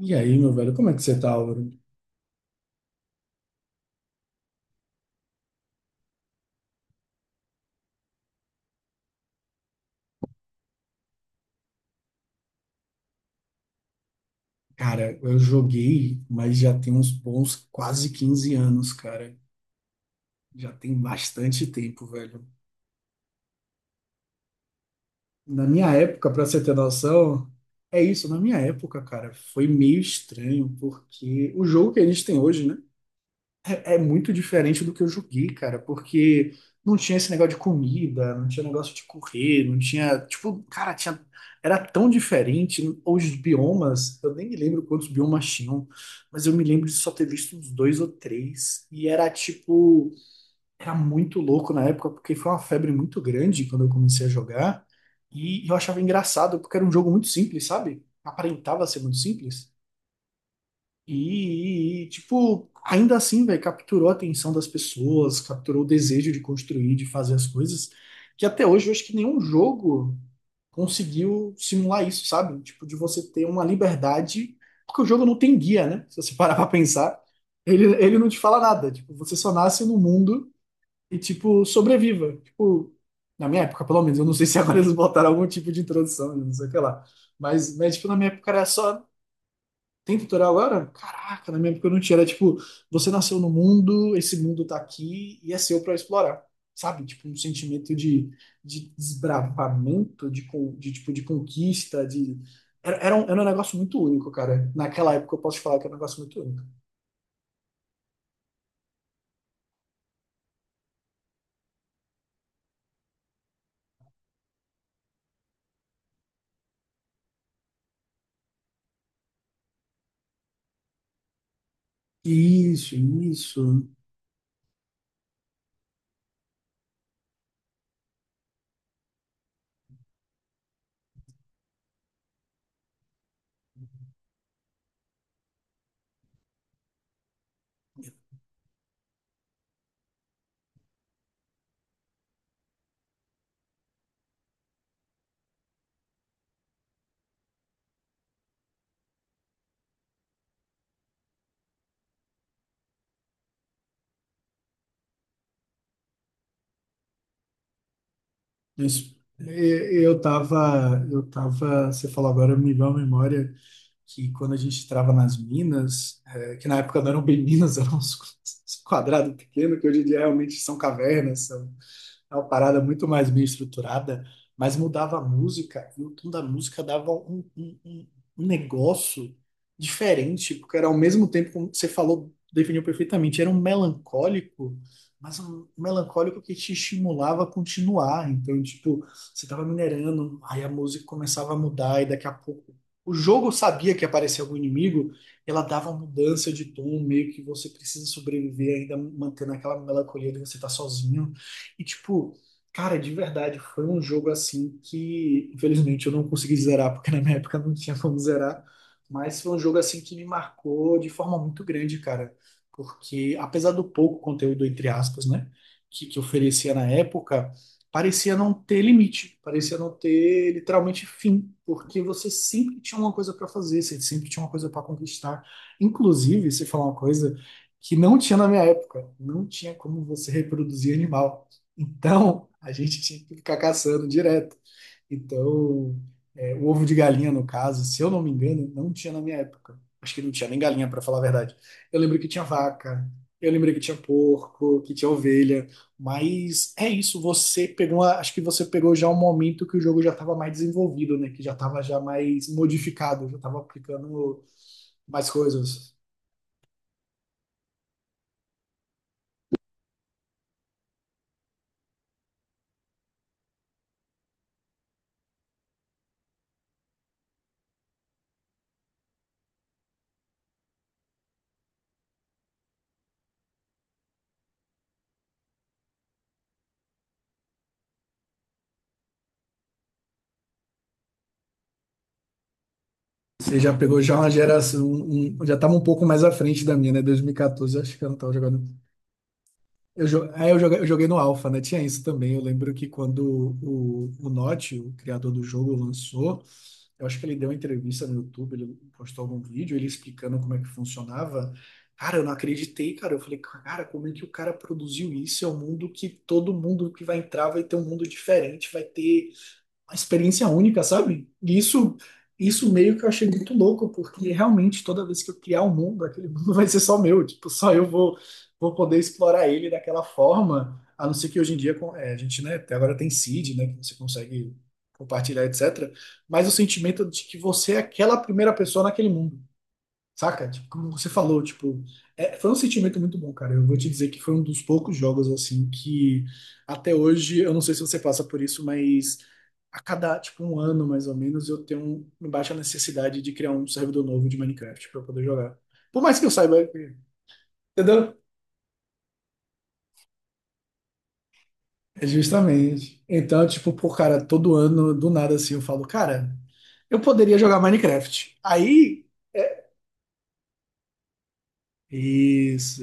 E aí, meu velho, como é que você tá, Auro? Cara, eu joguei, mas já tem uns bons quase 15 anos, cara. Já tem bastante tempo, velho. Na minha época, pra você ter noção, é isso, na minha época, cara, foi meio estranho, porque o jogo que a gente tem hoje, né? É muito diferente do que eu joguei, cara, porque não tinha esse negócio de comida, não tinha negócio de correr, não tinha, tipo, cara, tinha, era tão diferente. Os biomas, eu nem me lembro quantos biomas tinham, mas eu me lembro de só ter visto uns dois ou três. E era tipo, era muito louco na época, porque foi uma febre muito grande quando eu comecei a jogar. E eu achava engraçado, porque era um jogo muito simples, sabe? Aparentava ser muito simples. E, tipo, ainda assim, velho, capturou a atenção das pessoas, capturou o desejo de construir, de fazer as coisas, que até hoje eu acho que nenhum jogo conseguiu simular isso, sabe? Tipo, de você ter uma liberdade, porque o jogo não tem guia, né? Se você parar pra pensar, ele não te fala nada. Tipo, você só nasce no mundo e, tipo, sobreviva. Tipo, na minha época, pelo menos, eu não sei se agora eles botaram algum tipo de introdução, não sei o que lá. Mas tipo, na minha época era só. Tem tutorial agora? Caraca, na minha época eu não tinha. Era tipo, você nasceu no mundo, esse mundo tá aqui e é seu pra explorar. Sabe? Tipo, um sentimento de desbravamento, de, de, tipo, de conquista, de... Era, era um negócio muito único, cara. Naquela época eu posso te falar que era um negócio muito único. Isso, isso. Isso. Eu tava, você falou agora, me veio à memória que quando a gente trava nas minas, é, que na época não eram bem minas, eram uns quadrados pequenos, que hoje em dia realmente são cavernas, são é uma parada muito mais bem estruturada, mas mudava a música, e o tom da música dava um negócio diferente, porque era ao mesmo tempo, como você falou, definiu perfeitamente, era um melancólico, mas um melancólico que te estimulava a continuar. Então, tipo, você tava minerando, aí a música começava a mudar, e daqui a pouco o jogo sabia que aparecia algum inimigo, ela dava uma mudança de tom, meio que você precisa sobreviver ainda mantendo aquela melancolia de você estar sozinho. E, tipo, cara, de verdade, foi um jogo assim que, infelizmente, eu não consegui zerar, porque na minha época não tinha como zerar. Mas foi um jogo assim que me marcou de forma muito grande, cara. Porque, apesar do pouco conteúdo, entre aspas, né, que oferecia na época, parecia não ter limite, parecia não ter literalmente fim, porque você sempre tinha uma coisa para fazer, você sempre tinha uma coisa para conquistar. Inclusive, se falar uma coisa que não tinha na minha época, não tinha como você reproduzir animal. Então, a gente tinha que ficar caçando direto. Então, é, o ovo de galinha, no caso, se eu não me engano, não tinha na minha época. Acho que não tinha nem galinha, para falar a verdade. Eu lembro que tinha vaca, eu lembro que tinha porco, que tinha ovelha. Mas é isso, você pegou, acho que você pegou já um momento que o jogo já estava mais desenvolvido, né? Que já estava já mais modificado, já estava aplicando mais coisas. Você já pegou já uma geração, já estava um pouco mais à frente da minha, né? 2014, acho que eu não estava jogando. Eu, jo- é, eu joguei no Alpha, né? Tinha isso também. Eu lembro que quando o Notch, o criador do jogo, lançou, eu acho que ele deu uma entrevista no YouTube, ele postou algum vídeo, ele explicando como é que funcionava. Cara, eu não acreditei, cara. Eu falei, cara, como é que o cara produziu isso? É um mundo que todo mundo que vai entrar vai ter um mundo diferente, vai ter uma experiência única, sabe? E isso meio que eu achei muito louco, porque realmente toda vez que eu criar um mundo, aquele mundo vai ser só meu, tipo, só eu vou poder explorar ele daquela forma, a não ser que hoje em dia é, a gente, né, até agora tem seed, né, que você consegue compartilhar, etc. Mas o sentimento de que você é aquela primeira pessoa naquele mundo. Saca? Tipo, como você falou, tipo, é, foi um sentimento muito bom, cara. Eu vou te dizer que foi um dos poucos jogos assim que até hoje, eu não sei se você passa por isso, mas a cada tipo um ano mais ou menos eu tenho uma baixa necessidade de criar um servidor novo de Minecraft para poder jogar. Por mais que eu saiba, entendeu? É justamente. Então, tipo, pô, cara, todo ano, do nada assim, eu falo, cara, eu poderia jogar Minecraft. Aí, é, isso.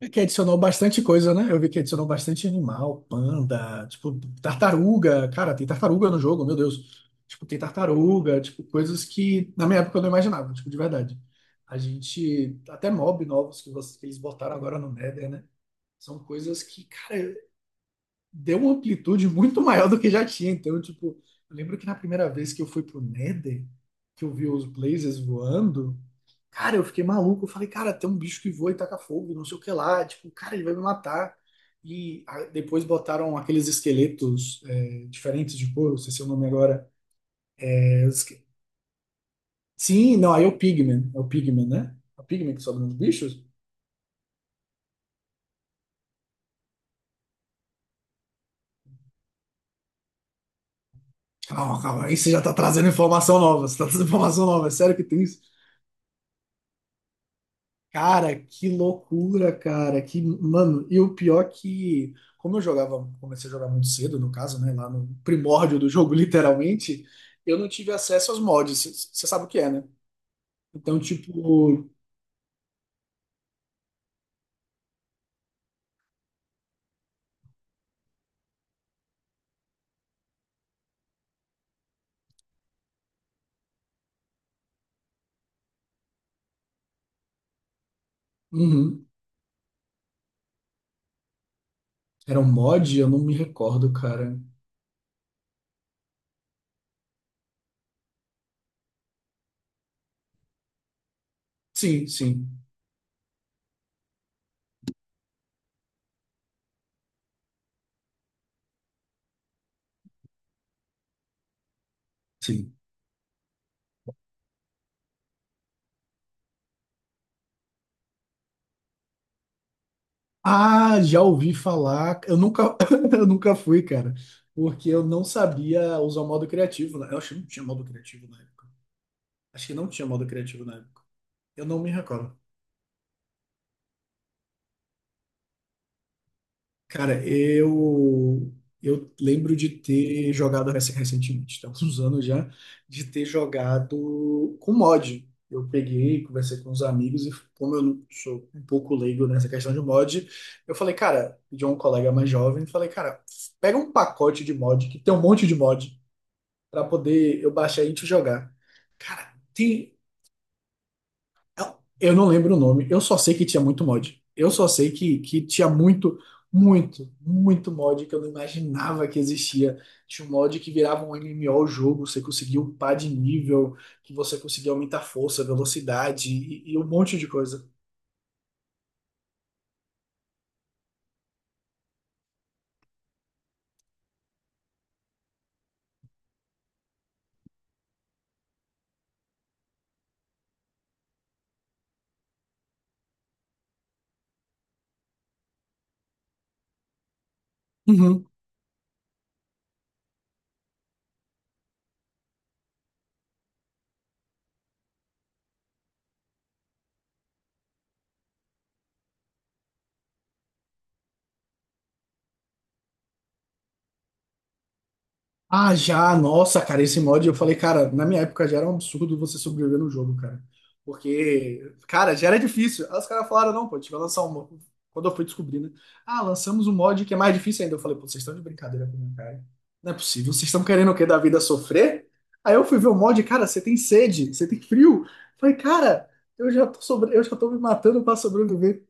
É que adicionou bastante coisa, né? Eu vi que adicionou bastante animal, panda, tipo, tartaruga. Cara, tem tartaruga no jogo, meu Deus. Tipo, tem tartaruga, tipo, coisas que na minha época eu não imaginava, tipo, de verdade. A gente, até mob novos que vocês que eles botaram agora no Nether, né? São coisas que, cara, deu uma amplitude muito maior do que já tinha. Então, tipo, eu lembro que na primeira vez que eu fui pro Nether, que eu vi os blazers voando, cara, eu fiquei maluco. Eu falei, cara, tem um bicho que voa e taca fogo, não sei o que lá. Tipo, cara, ele vai me matar. E ah, depois botaram aqueles esqueletos é, diferentes de couro, não sei se é o nome agora. É, os que- Sim, não, aí é o Pigman. É o Pigman, né? É o Pigman que sobe nos bichos? Calma, calma, aí você já tá trazendo informação nova. Você tá trazendo informação nova. É sério que tem isso? Cara, que loucura, cara. Que, mano, e o pior que, como eu jogava, comecei a jogar muito cedo, no caso, né? Lá no primórdio do jogo, literalmente, eu não tive acesso aos mods. Você sabe o que é, né? Então, tipo, uhum, era um mod? Eu não me recordo, cara. Sim, sim, sim. Ah, já ouvi falar. Eu nunca, eu nunca fui, cara. Porque eu não sabia usar o modo criativo. Né? Eu acho que não tinha modo criativo na época. Acho que não tinha modo criativo na época. Eu não me recordo. Cara, eu lembro de ter jogado recentemente, tá? Uns anos já, de ter jogado com mod. Eu peguei, conversei com os amigos e como eu não sou um pouco leigo nessa questão de mod, eu falei, cara, de um colega mais jovem, falei, cara, pega um pacote de mod que tem um monte de mod pra poder eu baixar e a gente jogar. Cara, tem, eu não lembro o nome, eu só sei que tinha muito mod. Eu só sei que tinha muito, muito, muito mod que eu não imaginava que existia. Tinha um mod que virava um MMO o jogo, você conseguia upar de nível, que você conseguia aumentar força, velocidade e um monte de coisa. Ah, já, nossa, cara, esse mod eu falei, cara, na minha época já era um absurdo você sobreviver no jogo, cara. Porque, cara, já era difícil. Aí os caras falaram, não, pô, a gente vai lançar um. Quando eu fui descobrir, né? Ah, lançamos um mod que é mais difícil ainda. Eu falei, pô, vocês estão de brincadeira com minha cara. Não é possível, vocês estão querendo o quê da vida sofrer? Aí eu fui ver o mod, cara, você tem sede, você tem frio. Eu falei, cara, eu já tô sobre... eu já tô me matando pra sobreviver.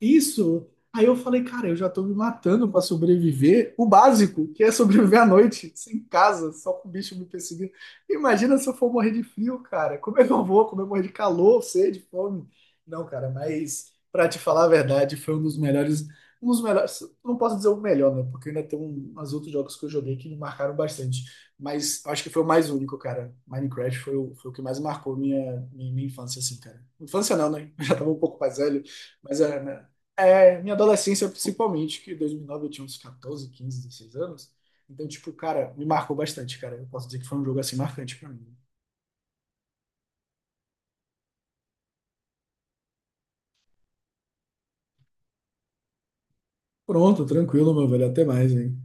Isso. Aí eu falei, cara, eu já tô me matando pra sobreviver. O básico, que é sobreviver à noite, sem casa, só com o bicho me perseguindo. Imagina se eu for morrer de frio, cara. Como é que eu vou? Como é que eu morrer de calor, sede, fome? Não, cara, mas pra te falar a verdade, foi um dos melhores, não posso dizer o melhor, né? Porque ainda tem uns outros jogos que eu joguei que me marcaram bastante. Mas acho que foi o mais único, cara. Minecraft foi o, foi o que mais marcou minha infância, assim, cara. Infância não, né? Eu já tava um pouco mais velho. Mas é, né, é, minha adolescência, principalmente, que em 2009 eu tinha uns 14, 15, 16 anos. Então, tipo, cara, me marcou bastante, cara. Eu posso dizer que foi um jogo assim marcante pra mim. Pronto, tranquilo, meu velho. Até mais, hein.